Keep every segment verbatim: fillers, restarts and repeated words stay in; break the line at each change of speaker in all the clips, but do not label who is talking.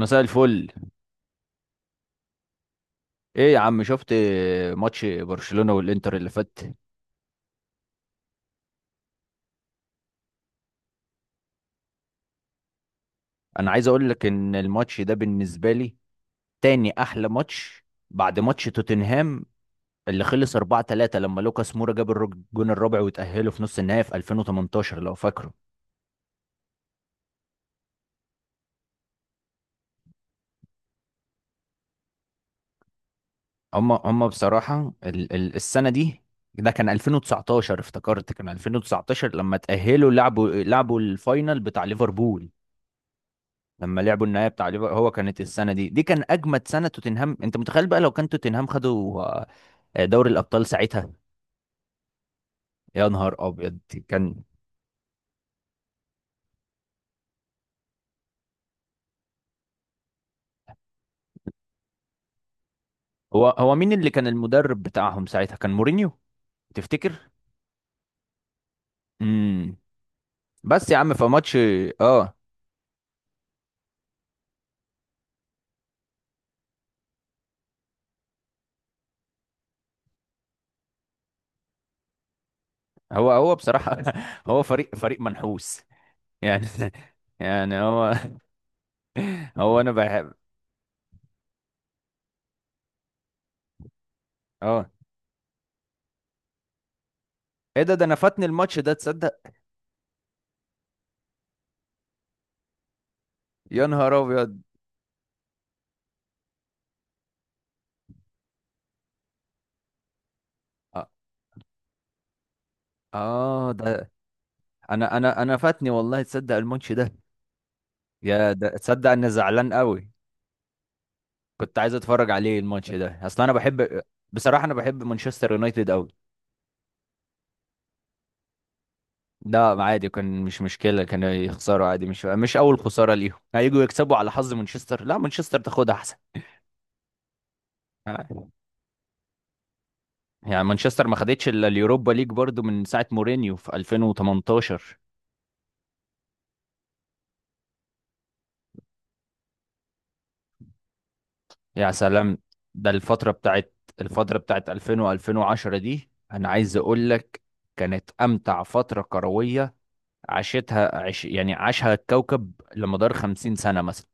مساء الفل. ايه يا عم، شفت ماتش برشلونة والانتر اللي فات؟ انا عايز اقول لك ان الماتش ده بالنسبة لي تاني احلى ماتش بعد ماتش توتنهام اللي خلص اربعة ثلاثة، لما لوكاس مورا جاب الرج- الجون الرابع وتأهلوا في نص النهائي في الفين وتمنتاشر، لو فاكره. هم هم بصراحة ال ال السنة دي، ده كان الفين وتسعتاشر، افتكرت كان الفين وتسعتاشر لما تأهلوا لعبوا لعبوا الفاينل بتاع ليفربول، لما لعبوا النهائي بتاع ليفر- هو كانت السنه دي دي كان اجمد سنه توتنهام. انت متخيل بقى لو كان توتنهام خدوا آه، دوري الابطال ساعتها؟ يا نهار ابيض كان. هو هو مين اللي كان المدرب بتاعهم ساعتها؟ كان مورينيو، تفتكر؟ امم بس يا عم في ماتش. اه هو هو بصراحه هو فريق فريق منحوس يعني، يعني هو هو انا بحب. اه ايه ده ده انا فاتني الماتش ده، تصدق؟ يا نهار ابيض. اه آه، ده انا انا انا فاتني والله، تصدق الماتش ده؟ يا ده تصدق اني زعلان قوي. كنت عايز اتفرج عليه الماتش ده، اصل انا بحب. بصراحه انا بحب مانشستر يونايتد قوي. لا عادي، كان مش مشكله، كانوا يخسروا عادي، مش مش اول خساره ليهم، هيجوا يكسبوا على حظ مانشستر؟ لا مانشستر تاخدها احسن. يعني مانشستر ما خدتش الا اليوروبا ليج برضو من ساعه مورينيو في الفين وتمنتاشر. يا سلام. ده الفتره بتاعت الفتره بتاعت الفين و2010 دي، انا عايز اقول لك كانت امتع فتره كرويه عاشتها، عش يعني عاشها الكوكب لمدار خمسين سنة مثلا.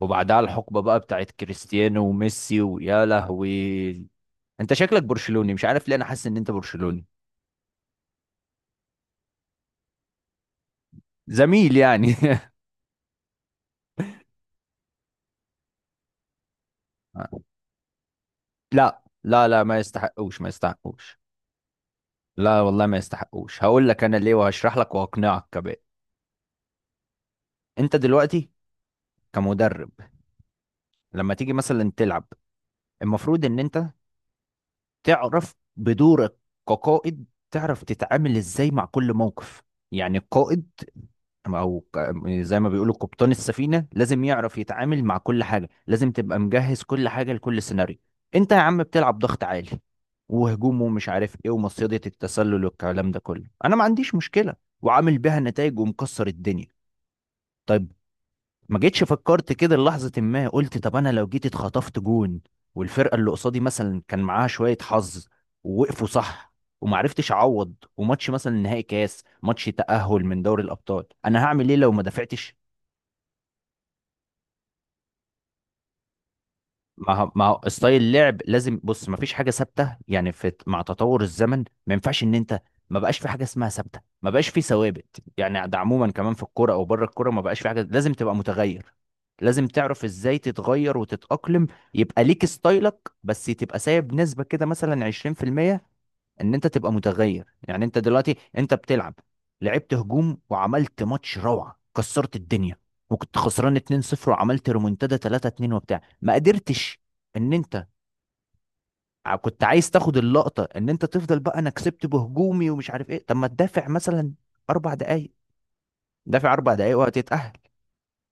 وبعدها الحقبة بقى بتاعت كريستيانو وميسي، ويا لهوي. انت شكلك برشلوني، مش عارف ليه، انا حاسس ان انت برشلوني. زميل يعني لا لا لا ما يستحقوش، ما يستحقوش. لا والله ما يستحقوش، هقول لك انا ليه وهشرح لك وهقنعك كمان. انت دلوقتي كمدرب، لما تيجي مثلا تلعب، المفروض ان انت تعرف بدورك كقائد، تعرف تتعامل ازاي مع كل موقف. يعني القائد او ك- زي ما بيقولوا قبطان السفينه لازم يعرف يتعامل مع كل حاجه، لازم تبقى مجهز كل حاجه لكل سيناريو. انت يا عم بتلعب ضغط عالي وهجوم ومش عارف ايه ومصيدة التسلل والكلام ده كله، انا ما عنديش مشكله، وعامل بيها نتائج ومكسر الدنيا، طيب. ما جيتش فكرت كده لحظه ما قلت طب انا لو جيت اتخطفت جون والفرقه اللي قصادي مثلا كان معاها شويه حظ ووقفوا صح، ومعرفتش اعوض، وماتش مثلا نهائي كاس، ماتش تأهل من دوري الابطال، انا هعمل ايه لو ما دافعتش؟ ما هو- ما هو ستايل اللعب، لازم بص ما فيش حاجه ثابته، يعني في مع تطور الزمن ما ينفعش ان انت، ما بقاش في حاجه اسمها ثابته، ما بقاش في ثوابت. يعني ده عموما كمان في الكوره او بره الكوره، ما بقاش في حاجه، لازم تبقى متغير، لازم تعرف ازاي تتغير وتتأقلم، يبقى ليك ستايلك بس تبقى سايب نسبة كده مثلا عشرين في المية ان انت تبقى متغير. يعني انت دلوقتي انت بتلعب، لعبت هجوم وعملت ماتش روعه، كسرت الدنيا، وكنت خسران اتنين صفر وعملت ريمونتادا تلاتة اتنين وبتاع، ما قدرتش ان انت ع- كنت عايز تاخد اللقطه ان انت تفضل بقى انا كسبت بهجومي ومش عارف ايه، طب ما تدافع مثلا اربع دقائق، دافع اربع دقائق وهتتاهل.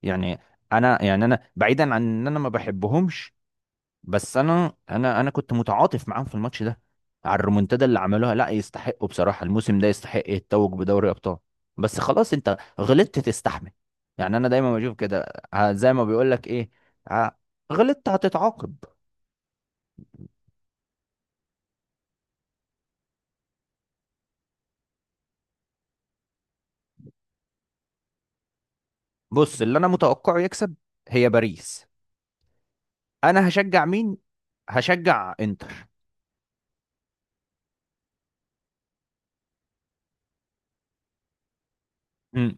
يعني انا، يعني انا بعيدا عن ان انا ما بحبهمش، بس انا انا انا كنت متعاطف معاهم في الماتش ده، على الريمونتادا اللي عملوها. لا يستحقوا بصراحه، الموسم ده يستحق يتوج بدوري ابطال، بس خلاص انت غلطت تستحمل. يعني انا دايما بشوف كده، ه- زي ما بيقول لك ايه، ه- غلطت هتتعاقب. بص اللي انا متوقعه يكسب هي باريس. انا هشجع مين؟ هشجع انتر. مم.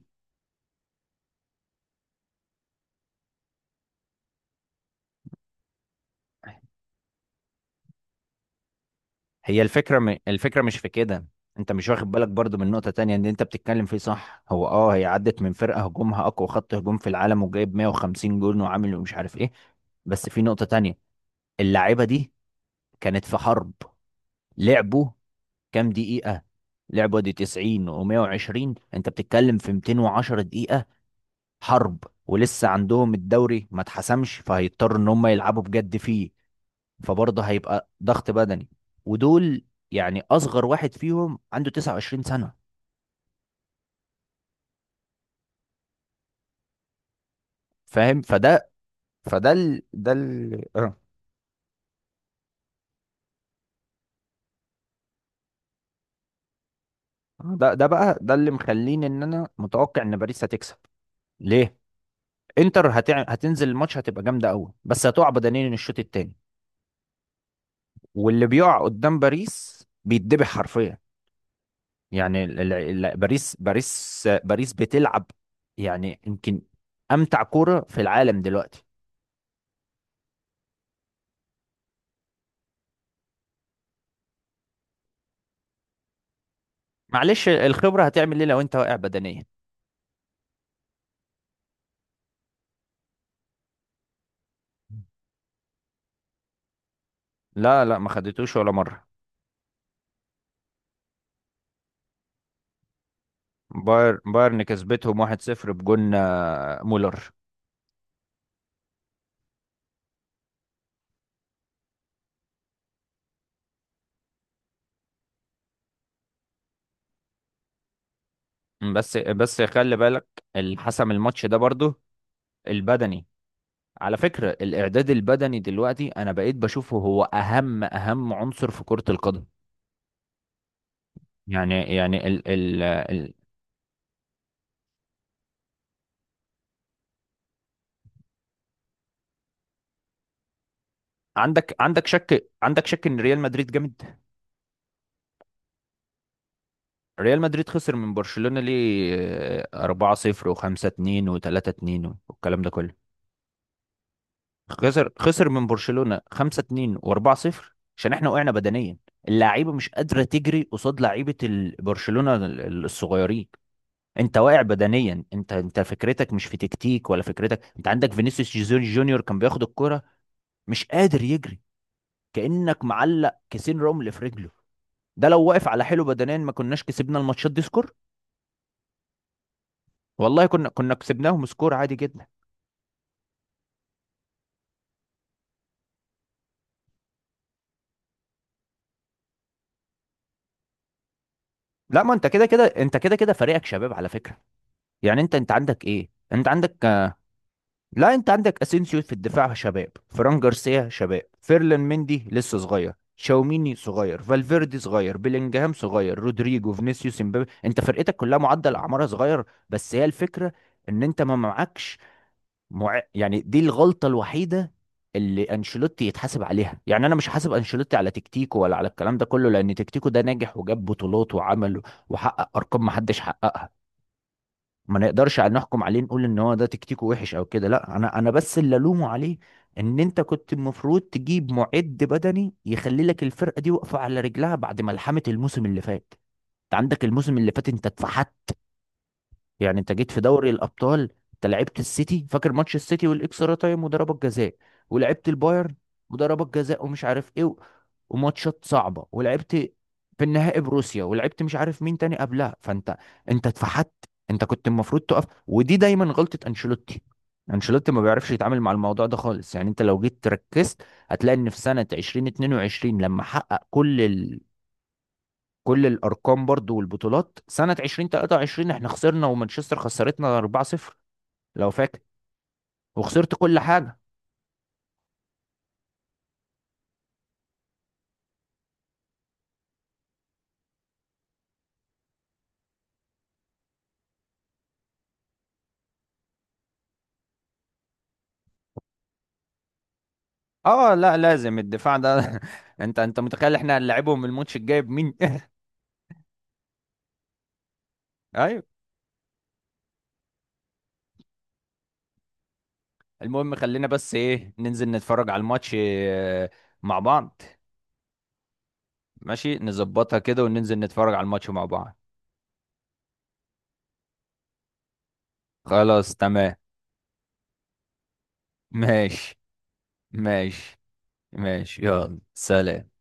هي الفكرة م... الفكرة مش في كده، انت مش واخد بالك برضو من نقطة تانية ان انت بتتكلم فيه صح. هو اه، هي عدت من فرقة هجومها اقوى خط هجوم في العالم، وجايب مية وخمسين جون وعامل ومش عارف ايه، بس في نقطة تانية. اللعيبة دي كانت في حرب، لعبوا كام دقيقة؟ لعبوا دي تسعين و120، انت بتتكلم في ميتين وعشرة دقيقة حرب، ولسه عندهم الدوري ما اتحسمش، فهيضطروا ان هم يلعبوا بجد فيه، فبرضه هيبقى ضغط بدني. ودول يعني اصغر واحد فيهم عنده تسعة وعشرين سنة. فاهم؟ فده فده ال... ده ال... آه. ده ده بقى ده اللي مخليني ان انا متوقع ان باريس هتكسب. ليه؟ انتر هتع... هتنزل الماتش هتبقى جامدة قوي بس هتقع بدنيا الشوط التاني، واللي بيقع قدام باريس بيتذبح حرفيا. يعني ال... ال... ال- باريس باريس باريس بتلعب يعني يمكن امتع كورة في العالم دلوقتي. معلش الخبرة هتعمل ايه لو انت واقع بدنيا؟ لا لا، ما خدتوش ولا مرة. باير بايرن كسبتهم واحد صفر بجون آه، مولر. بس بس خلي بالك، اللي حسم الماتش ده برضو البدني، على فكرة الإعداد البدني دلوقتي أنا بقيت بشوفه هو أهم أهم عنصر في كرة القدم. يعني يعني ال ال ال عندك عندك شك عندك شك إن ريال مدريد جامد؟ ريال مدريد خسر من برشلونة ليه؟ آه، أربعة صفر و5-اتنين و3-اتنين والكلام ده كله. خسر خسر من برشلونة خمسة اتنين و4-صفر عشان احنا وقعنا بدنيا. اللعيبه مش قادره تجري قصاد لعيبه ال- برشلونة ال- ال- الصغيرين. انت واقع بدنيا، انت انت فكرتك مش في تكتيك ولا فكرتك. انت عندك فينيسيوس جيزون جونيور كان بياخد الكرة مش قادر يجري، كأنك معلق كيسين رمل في رجله. ده لو واقف على حيله بدنيا ما كناش كسبنا الماتشات دي سكور، والله كنا كنا كسبناهم سكور عادي جدا. لا ما انت كده كده، انت كده كده فريقك شباب على فكرة. يعني انت انت عندك ايه، انت عندك، لا انت عندك اسينسيو في الدفاع شباب، فران جارسيا شباب، فيرلان مندي لسه صغير، شاوميني صغير، فالفيردي صغير، بيلينجهام صغير، رودريجو فينيسيوس امبابي، انت فرقتك كلها معدل اعمارها صغير. بس هي الفكره ان انت ما معكش، مع... يعني دي الغلطه الوحيده اللي انشيلوتي يتحاسب عليها. يعني انا مش حاسب انشيلوتي على تكتيكه ولا على الكلام ده كله، لان تكتيكه ده ناجح وجاب بطولات وعمل وحقق ارقام ما حدش حققها. ما نقدرش على نحكم عليه نقول ان هو ده تكتيكه وحش او كده، لا انا انا بس اللي الومه عليه ان انت كنت المفروض تجيب معد بدني يخلي لك الفرقه دي واقفه على رجلها بعد ملحمه الموسم اللي فات. انت عندك الموسم اللي فات انت اتفحت. يعني انت جيت في دوري الابطال، انت لعبت السيتي، فاكر ماتش السيتي والاكسترا تايم وضربات جزاء، ولعبت البايرن وضربات جزاء ومش عارف ايه و- وماتشات صعبه، ولعبت في النهائي بروسيا، ولعبت مش عارف مين تاني قبلها. فانت انت اتفحت، انت كنت المفروض تقف. ودي دايما غلطه انشيلوتي، انشيلوتي ما بيعرفش يتعامل مع الموضوع ده خالص. يعني انت لو جيت ركزت هتلاقي ان في سنه الفين واتنين وعشرين لما حقق كل كل الارقام برضو والبطولات، سنه الفين وتلاتة وعشرين احنا خسرنا ومانشستر خسرتنا اربعة صفر، لو فاكر، وخسرت كل حاجه. اه لا، لازم الدفاع ده انت انت متخيل احنا هنلاعبهم الماتش الجاي بمين؟ ايوه. المهم خلينا بس ايه، ننزل نتفرج على الماتش آه، مع بعض. ماشي، نظبطها كده وننزل نتفرج على الماتش مع بعض. خلاص تمام. ماشي. ماشي. ماشي، يلا سلام.